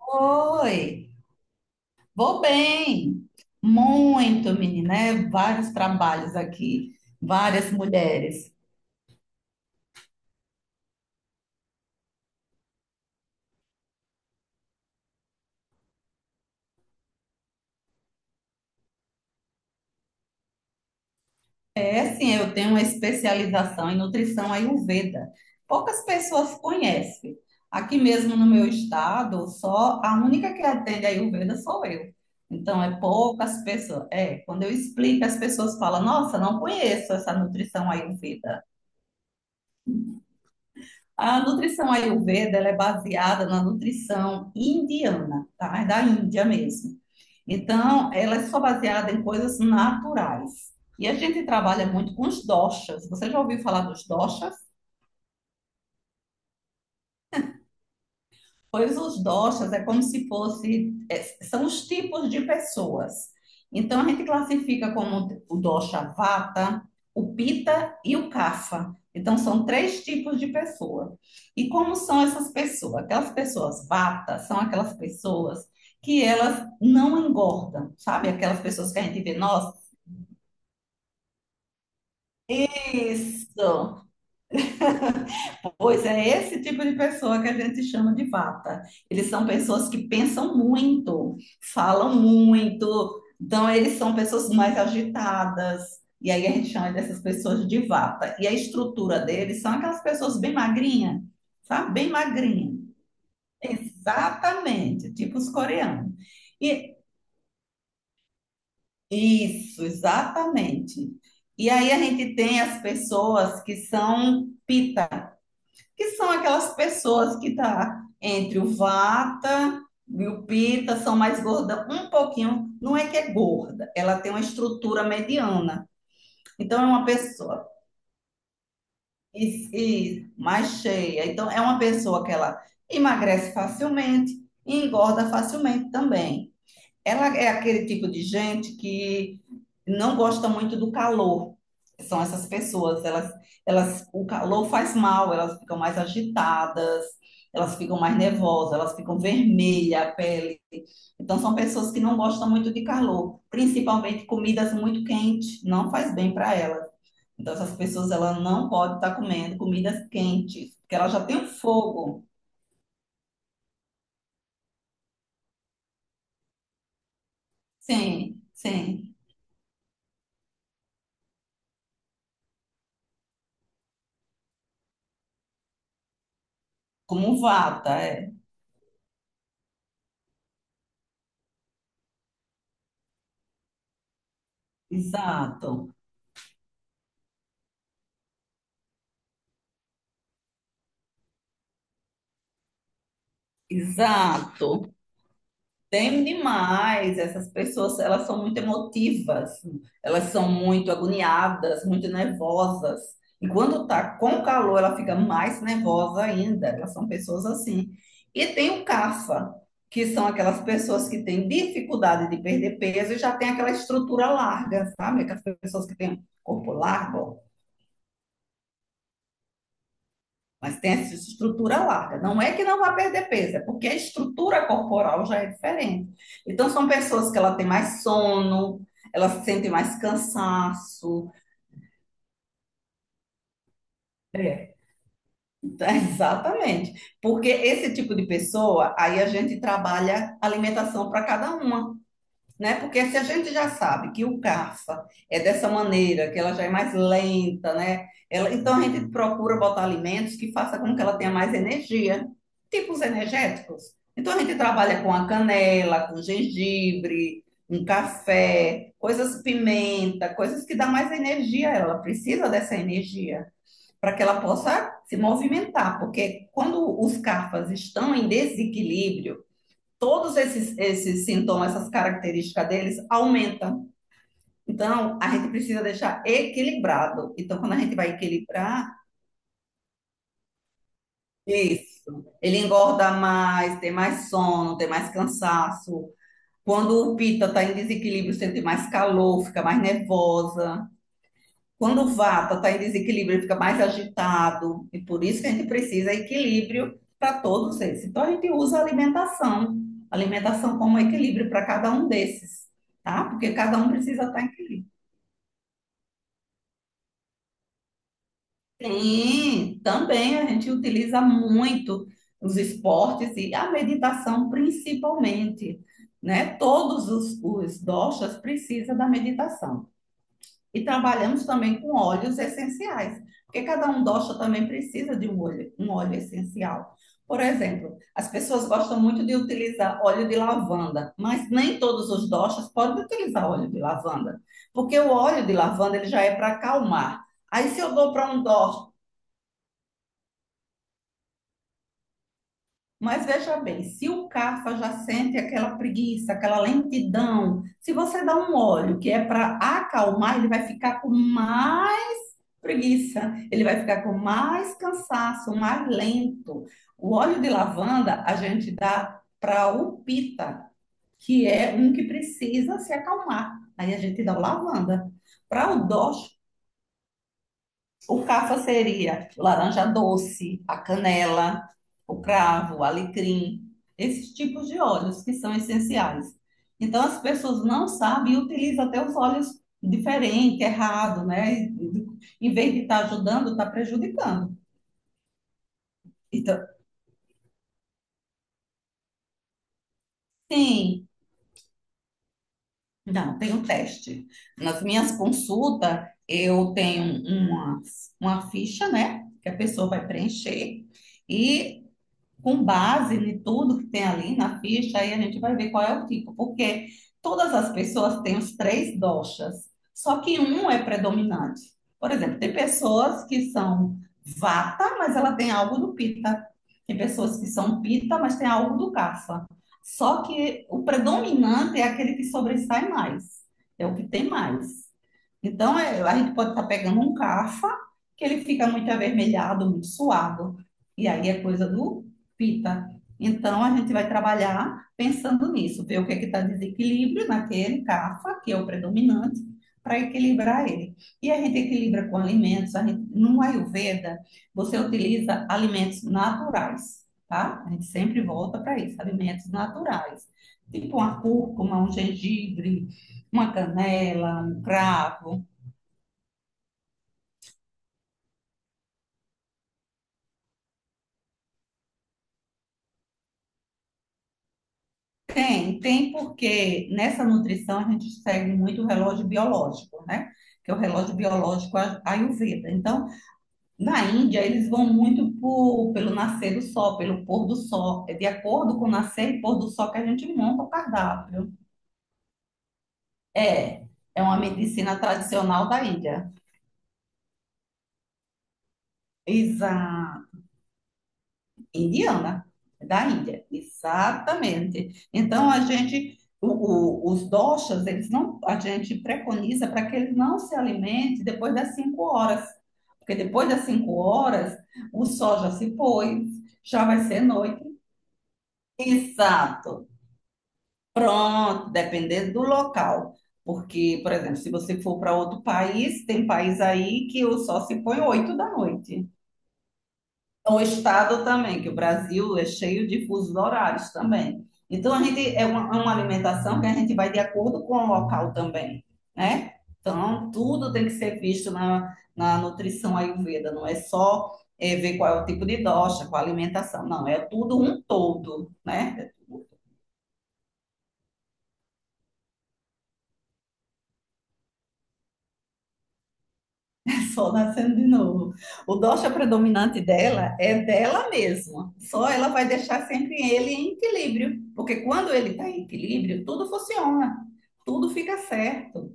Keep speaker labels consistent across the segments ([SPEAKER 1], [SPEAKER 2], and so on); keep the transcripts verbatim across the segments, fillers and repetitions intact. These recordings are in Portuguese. [SPEAKER 1] Oi, vou bem. Muito, menina, é vários trabalhos aqui, várias mulheres. É sim, eu tenho uma especialização em nutrição Ayurveda. Poucas pessoas conhecem. Aqui mesmo no meu estado, só a única que atende Ayurveda sou eu. Então é poucas pessoas. É, quando eu explico, as pessoas falam: "Nossa, não conheço essa nutrição Ayurveda". A nutrição Ayurveda, ela é baseada na nutrição indiana, tá? É da Índia mesmo. Então, ela é só baseada em coisas naturais. E a gente trabalha muito com os doshas. Você já ouviu falar dos doshas? Pois os doshas é como se fosse, é, são os tipos de pessoas. Então a gente classifica como o dosha vata, o pita e o kapha. Então são três tipos de pessoa. E como são essas pessoas? Aquelas pessoas vata são aquelas pessoas que elas não engordam, sabe? Aquelas pessoas que a gente vê, nossa, isso. Pois é esse tipo de pessoa que a gente chama de vata. Eles são pessoas que pensam muito, falam muito, então eles são pessoas mais agitadas. E aí a gente chama dessas pessoas de vata. E a estrutura deles são aquelas pessoas bem magrinha, sabe? Bem magrinha. Exatamente, tipo os coreanos. E isso, exatamente. E aí a gente tem as pessoas que são pita, que são aquelas pessoas que tá entre o vata e o pita, são mais gorda um pouquinho, não é que é gorda, ela tem uma estrutura mediana. Então é uma pessoa e, e mais cheia. Então é uma pessoa que ela emagrece facilmente e engorda facilmente também. Ela é aquele tipo de gente que não gosta muito do calor. São essas pessoas, elas, elas, o calor faz mal, elas ficam mais agitadas, elas ficam mais nervosas, elas ficam vermelha a pele. Então são pessoas que não gostam muito de calor, principalmente comidas muito quentes, não faz bem para elas. Então essas pessoas ela não pode estar comendo comidas quentes, porque ela já tem um fogo. Sim, sim, como vata, é. Exato, exato. Tem demais, essas pessoas, elas são muito emotivas, elas são muito agoniadas, muito nervosas. E quando tá com calor, ela fica mais nervosa ainda. Elas são pessoas assim. E tem o CAFA, que são aquelas pessoas que têm dificuldade de perder peso e já tem aquela estrutura larga, sabe? Aquelas pessoas que têm corpo largo, mas tem essa estrutura larga. Não é que não vai perder peso, é porque a estrutura corporal já é diferente. Então, são pessoas que ela tem mais sono, elas sentem mais cansaço. É. Então, exatamente. Porque esse tipo de pessoa, aí a gente trabalha alimentação para cada uma, né? Porque se a gente já sabe que o CAFA é dessa maneira, que ela já é mais lenta, né? Ela, então a gente procura botar alimentos que faça com que ela tenha mais energia, tipos energéticos. Então a gente trabalha com a canela, com gengibre, um café, coisas pimenta, coisas que dá mais energia a ela. Ela precisa dessa energia para que ela possa se movimentar, porque quando os CAFAs estão em desequilíbrio, todos esses, esses sintomas, essas características deles aumentam. Então, a gente precisa deixar equilibrado. Então, quando a gente vai equilibrar, isso. Ele engorda mais, tem mais sono, tem mais cansaço. Quando o pita está em desequilíbrio, sente mais calor, fica mais nervosa. Quando o vata está em desequilíbrio, ele fica mais agitado, e por isso que a gente precisa de equilíbrio para todos esses. Então a gente usa a alimentação, a alimentação como equilíbrio para cada um desses, tá? Porque cada um precisa estar em equilíbrio. Sim, também a gente utiliza muito os esportes e a meditação principalmente, né? Todos os, os doshas precisam da meditação. E trabalhamos também com óleos essenciais, porque cada um dosha também precisa de um óleo, um óleo essencial. Por exemplo, as pessoas gostam muito de utilizar óleo de lavanda, mas nem todos os doshas podem utilizar óleo de lavanda, porque o óleo de lavanda ele já é para acalmar. Aí se eu dou para um dosha, mas veja bem, se o Kapha já sente aquela preguiça, aquela lentidão, se você dá um óleo que é para acalmar, ele vai ficar com mais preguiça. Ele vai ficar com mais cansaço, mais lento. O óleo de lavanda a gente dá para o pita, que é um que precisa se acalmar. Aí a gente dá o lavanda. Para o dó o cafa seria laranja doce, a canela, o cravo, o alecrim, esses tipos de óleos que são essenciais. Então, as pessoas não sabem e utilizam até os óleos diferente, errado, né? Em vez de estar ajudando, está prejudicando. Então, sim, não, tem um teste. Nas minhas consultas, eu tenho uma, uma ficha, né? Que a pessoa vai preencher. E com base em tudo que tem ali na ficha, aí a gente vai ver qual é o tipo, porque todas as pessoas têm os três doshas, só que um é predominante. Por exemplo, tem pessoas que são vata, mas ela tem algo do pita. Tem pessoas que são pita, mas tem algo do kapha. Só que o predominante é aquele que sobressai mais, é o que tem mais. Então, é, a gente pode estar pegando um cafa, que ele fica muito avermelhado, muito suado. E aí é coisa do pita. Então, a gente vai trabalhar pensando nisso, ver o que é que está desequilíbrio naquele cafa, que é o predominante, para equilibrar ele. E a gente equilibra com alimentos. A gente, no Ayurveda, você utiliza alimentos naturais, tá? A gente sempre volta para isso, alimentos naturais. Tipo uma cúrcuma, um gengibre, uma canela, um cravo. Tem, tem porque nessa nutrição a gente segue muito o relógio biológico, né? Que é o relógio biológico a- Ayurveda. Então, na Índia, eles vão muito por- pelo nascer do sol, pelo pôr do sol. É de acordo com o nascer e pôr do sol que a gente monta o cardápio. É, é uma medicina tradicional da Índia. Exato. Indiana, é da Índia, exatamente. Então a gente, o- o- os doshas, eles não, a gente preconiza para que ele não se alimente depois das cinco horas, porque depois das cinco horas o sol já se pôs, já vai ser noite. Exato. Pronto, dependendo do local. Porque, por exemplo, se você for para outro país, tem país aí que o sol se põe oito da noite. O estado também, que o Brasil é cheio de fusos horários também. Então, a gente é uma, é uma, alimentação que a gente vai de acordo com o local também, né? Então, tudo tem que ser visto na, na nutrição Ayurveda, não é só é, ver qual é o tipo de dosha, qual a alimentação, não, é tudo um todo, né? É tudo. Sol nascendo de novo. O dosha predominante dela é dela mesma. Só ela vai deixar sempre ele em equilíbrio, porque quando ele está em equilíbrio, tudo funciona, tudo fica certo.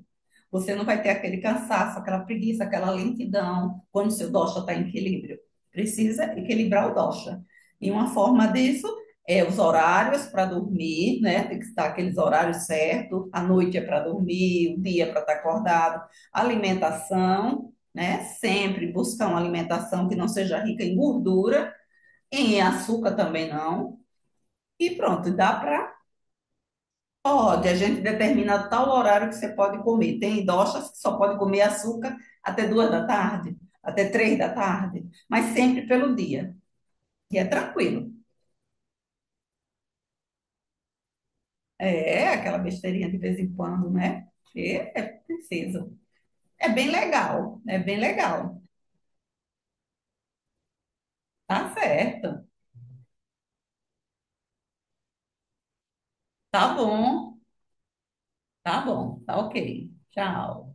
[SPEAKER 1] Você não vai ter aquele cansaço, aquela preguiça, aquela lentidão quando o seu dosha está em equilíbrio. Precisa equilibrar o dosha. E uma forma disso é os horários para dormir, né? Tem que estar aqueles horários certos. A noite é para dormir, o dia é para estar acordado. Alimentação, né? Sempre buscar uma alimentação que não seja rica em gordura, em açúcar também não. E pronto, dá para pode, a gente determina tal horário que você pode comer. Tem idosas que só pode comer açúcar até duas da tarde, até três da tarde, mas sempre pelo dia. E é tranquilo. É aquela besteirinha de vez em quando, né? É, é preciso. É bem legal, é bem legal. Tá certo. Tá bom, tá bom, tá ok. Tchau.